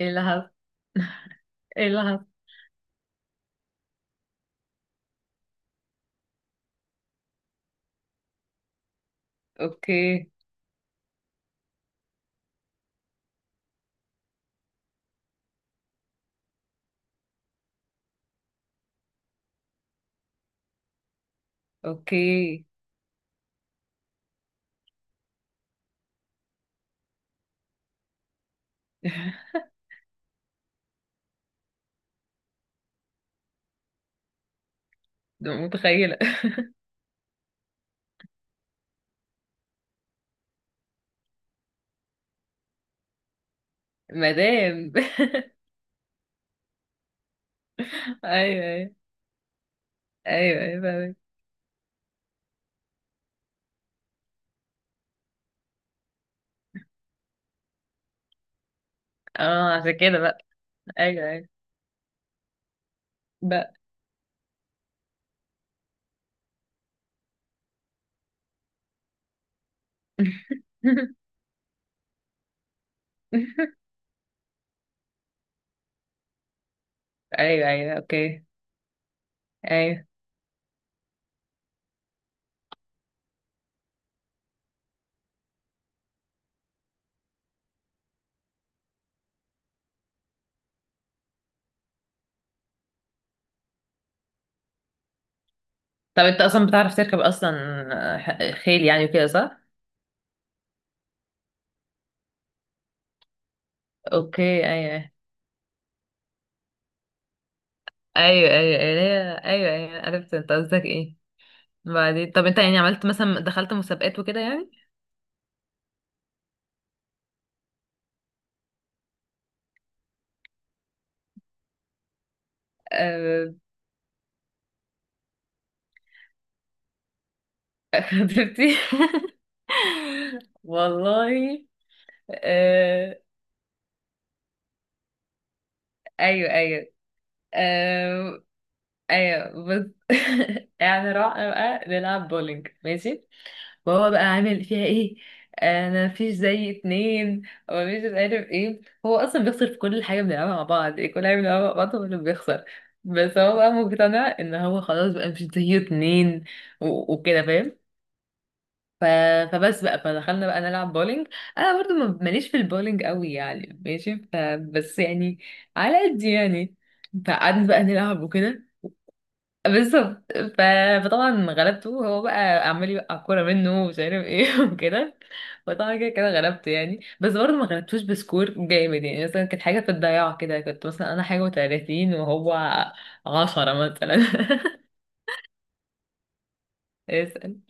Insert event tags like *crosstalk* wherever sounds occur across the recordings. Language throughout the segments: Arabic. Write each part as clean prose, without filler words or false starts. ايه اللي حصل؟ ايه اللي حصل؟ اوكي، اوكي. *laughs* ده متخيلة. *laughs* مدام. *laughs* ايوه، ايوه، ايوه، ايوه فاهمك. اه، عشان كده بقى. ايوه، ايوه، بقى. *laughs* ايوه، ايوه، اوكي. ايوه، طب انت اصلا بتعرف تركب اصلا؟ آه، خيل يعني وكده، صح؟ اوكي، ايوه، ايوه، ايوه، ايوه ايوه، ايوه، عرفت انت قصدك ايه. بعدين طب انت يعني عملت مثلا دخلت مسابقات وكده؟ يعني خطيبتي. *laughs* والله. آه... ايوه، ايوه. آه... ايوه، بس. *laughs* يعني رحنا بقى نلعب بولينج، ماشي. وهو بقى عامل فيها ايه؟ انا مفيش زي اتنين، ومفيش مش عارف ايه. هو اصلا بيخسر في كل حاجه بنلعبها مع بعض، إيه، كل حاجه بنلعبها مع بعض هو اللي بيخسر. بس هو بقى مقتنع ان هو خلاص بقى مش زي اتنين، وكده، فاهم. ف... فبس بقى فدخلنا بقى نلعب بولينج. انا برضو ماليش في البولينج قوي يعني، ماشي. ف... بس يعني، على قد يعني، فقعدنا بقى نلعب وكده. بالظبط. ف... فطبعا غلبته، هو بقى عمال يوقع كوره منه ومش عارف ايه *laughs* وكده. فطبعا كده كده غلبته يعني، بس برضه ما غلبتوش بسكور جامد يعني، مثلا كانت حاجه في الضياع كده، كنت مثلا انا حاجه و30 وهو 10 مثلا. *laughs* اسال.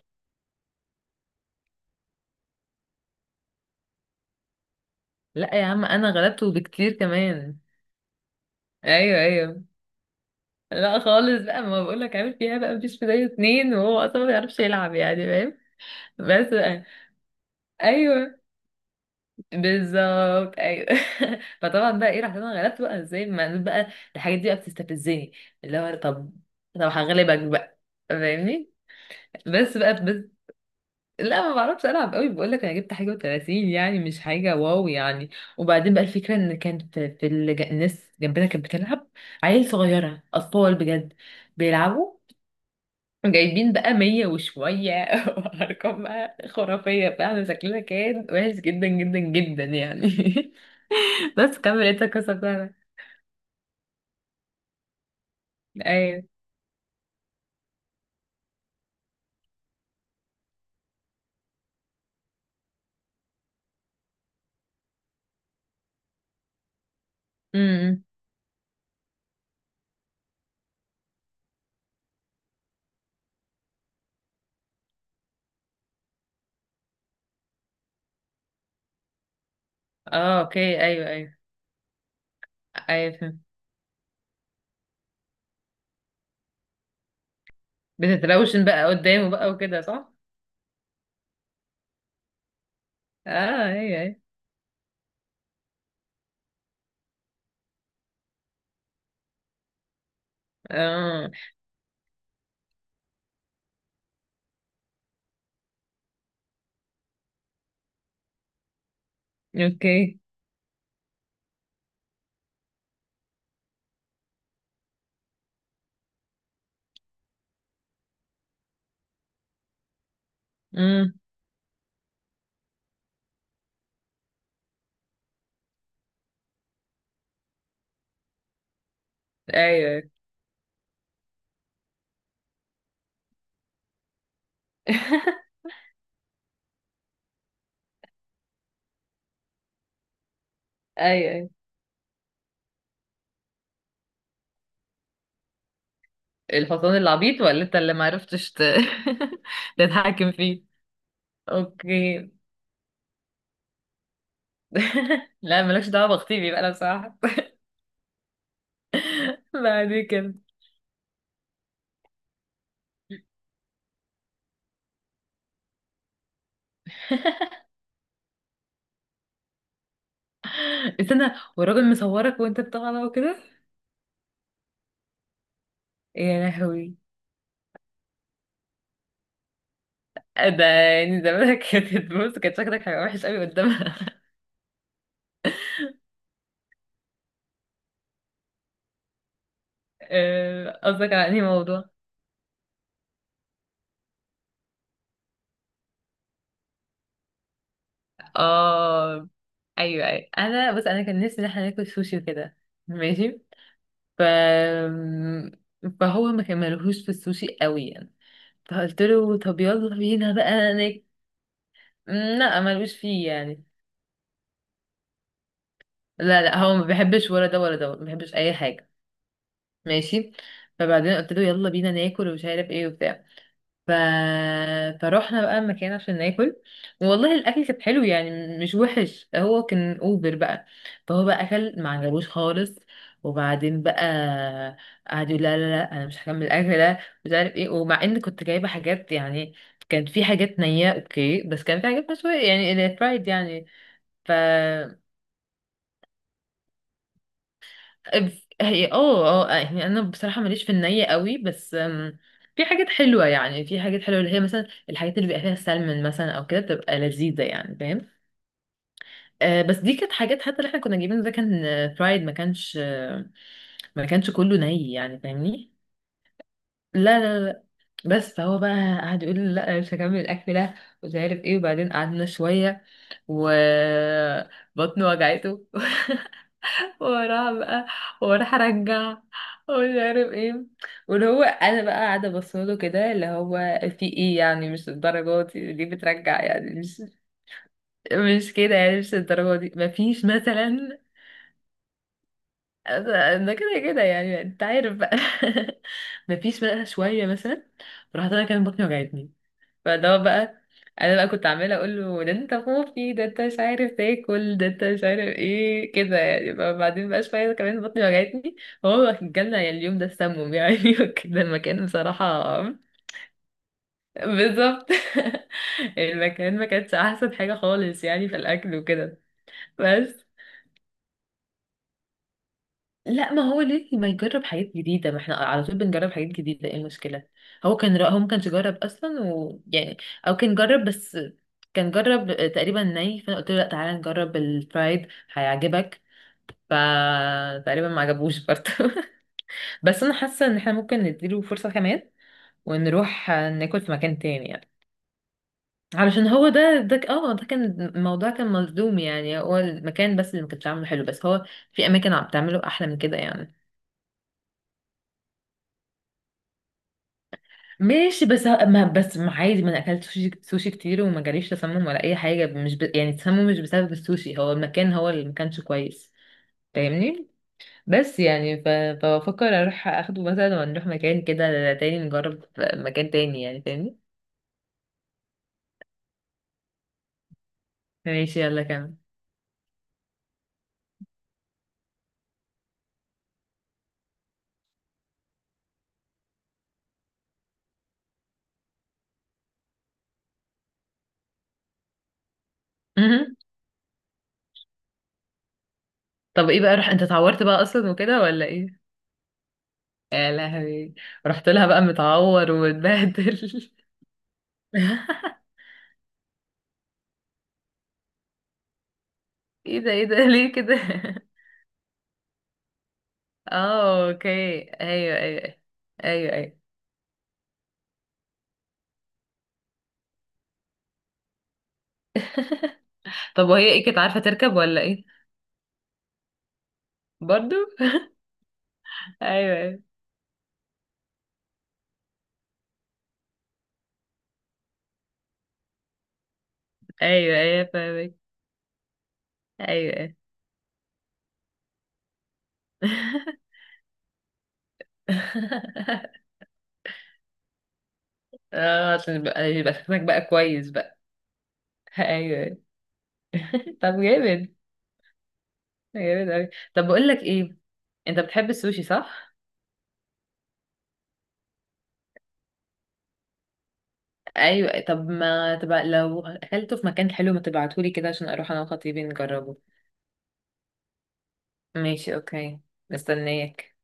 لا يا عم انا غلبته بكتير كمان. ايوه، ايوه. لا خالص بقى، ما بقولك عامل فيها بقى مفيش بداية اتنين، وهو اصلا ما بيعرفش يلعب يعني، فاهم. بس بقى. ايوه، بالظبط، ايوه. *laughs* فطبعا بقى ايه، رحت انا غلبت بقى ازاي ما بقى. الحاجات دي بقى بتستفزني، اللي هو طب، طب هغلبك بقى، فاهمني. بس بقى، بس. لا ما بعرفش العب قوي، بقول لك انا جبت حاجه و30 يعني، مش حاجه واو يعني. وبعدين بقى الفكره ان كانت في الناس جنبنا كانت بتلعب عيال صغيره اطفال بجد بيلعبوا، جايبين بقى مية وشوية *laughs* وأرقام بقى خرافية فعلا، شكلنا كان وحش جدا جدا جدا يعني. *laughs* بس كمل انت القصة بتاعتك. أيوة. امم. اه، اوكي، أيوة، أيوة. أيوة فهمت. بتتروشن بقى قدامه بقى وكده، صح؟ اه، أيوة، أيوة. اه. اوكي. امم. أيوة، أيوة. *laughs* أيوة، أيوة. الحصان العبيط ولا انت اللي معرفتش *laughs* تتحكم فيه؟ اوكي. *laughs* لا مالكش دعوة بخطيبي بقى، أنا بصراحة. بعد كده. استنى، والراجل مصورك وانت بتطلع وكده؟ يا لهوي، ده يعني زمانك *laughs* كانت، بص كان شكلك هيبقى وحش قوي قدامها. *laughs* آه، قصدك على انهي موضوع؟ اه، ايوه، ايوه، انا بس انا كان نفسي ان احنا ناكل سوشي وكده، ماشي. ف فهو ما كملهوش في السوشي قوي يعني، فقلت له طب يلا بينا بقى لا ملوش فيه يعني. لا لا هو ما بيحبش، ولا ده ولا ده ما بيحبش اي حاجه. ماشي. فبعدين قلت له يلا بينا ناكل ومش عارف ايه وبتاع. ف... فروحنا بقى مكان عشان ناكل. والله الاكل كان حلو يعني، مش وحش، هو كان اوبر بقى. فهو بقى اكل ما عجبوش خالص. وبعدين بقى قعد يقول لا لا لا، انا مش هكمل الاكل ده، مش عارف ايه، ومع ان كنت جايبه حاجات يعني، كان في حاجات نية اوكي، بس كان في حاجات مشوية يعني، فرايد يعني. ف هي اه اه يعني انا بصراحه ماليش في الني قوي، بس في حاجات حلوه يعني، في حاجات حلوه اللي هي مثلا الحاجات اللي بيبقى فيها سلمون مثلا او كده بتبقى لذيذه يعني، فاهم. آه بس دي كانت حاجات، حتى اللي احنا كنا جايبينه ده كان آه، فرايد ما كانش آه، ما كانش كله ني يعني، فاهمني. لا لا لا. بس فهو بقى قعد يقول لي لا مش هكمل الاكل ده، مش عارف ايه. وبعدين قعدنا شويه وبطنه وجعته وراها بقى، وراح ارجع ومش عارف ايه. واللي هو انا بقى قاعده بصله كده، اللي هو في ايه يعني، مش الدرجه دي ليه بترجع يعني، مش مش كده يعني، مش الدرجه دي، مفيش مثلا. ده كده كده يعني انت عارف بقى. *laughs* مفيش بقى شويه مثلا. راحت انا كان بطني وجعتني، فاللي هو بقى انا بقى كنت عماله اقول له ده انت خوفي، ده انت مش عارف تاكل، ده انت مش عارف ايه كده يعني، بعدين بقى شويه كمان بطني وجعتني. هو جالنا يعني اليوم ده السموم يعني *laughs* وكده، المكان بصراحه. بالظبط. *laughs* المكان ما كانتش احسن حاجه خالص يعني في الاكل وكده. بس لا، ما هو ليه ما يجرب حاجات جديدة؟ ما احنا على طول بنجرب حاجات جديدة، ايه المشكلة؟ هو كان هو ما كانش جرب اصلا ويعني، او كان جرب، بس كان جرب تقريبا ني، فانا قلت له لا تعالى نجرب الفرايد، هيعجبك. فتقريبا ما عجبوش برضه. *laughs* بس انا حاسة ان احنا ممكن نديله فرصة كمان، ونروح ناكل في مكان تاني يعني. علشان هو ده ده ك- اه ده كان الموضوع كان مظلوم يعني، هو المكان بس اللي ما كانش عامله حلو، بس هو في اماكن عم بتعمله احلى من كده يعني. ماشي بس ه- ما بس ما عادي، ما انا اكلت سوشي, سوشي كتير وما جاليش تسمم ولا اي حاجه مش ب... يعني التسمم مش بسبب السوشي، هو المكان هو اللي ما كانش كويس، فاهمني؟ بس يعني فبفكر اروح اخده مثلا ونروح مكان كده تاني، نجرب في مكان تاني يعني، فاهمني. ماشي، يلا كمل. مهم. طب ايه بقى، رح انت اتعورت بقى اصلا وكده ولا ايه؟ يا لهوي. رحت لها بقى متعور ومتبهدل. *laughs* ايه ده؟ ايه ده ليه كده؟ *laughs* اه، اوكي، ايوه، ايوه، ايوه، ايوه. طب وهي ايه، كانت عارفة تركب ولا ايه؟ برضو. *laughs* ايوه، ايوه، ايوه، ايوه فاهمك. ايوه. *laughs* ايوه. اه، عشان يبقى يبقى شكلك بقى كويس بقى. ايوه. *laughs* أيوة. طب جامد. جامد اوي. طب بقول لك ايه، انت بتحب السوشي صح؟ ايوه، طب ما تبقى لو اكلته في مكان حلو ما تبعتهولي كده عشان اروح انا وخطيبي نجربه. ماشي، اوكي. مستنياك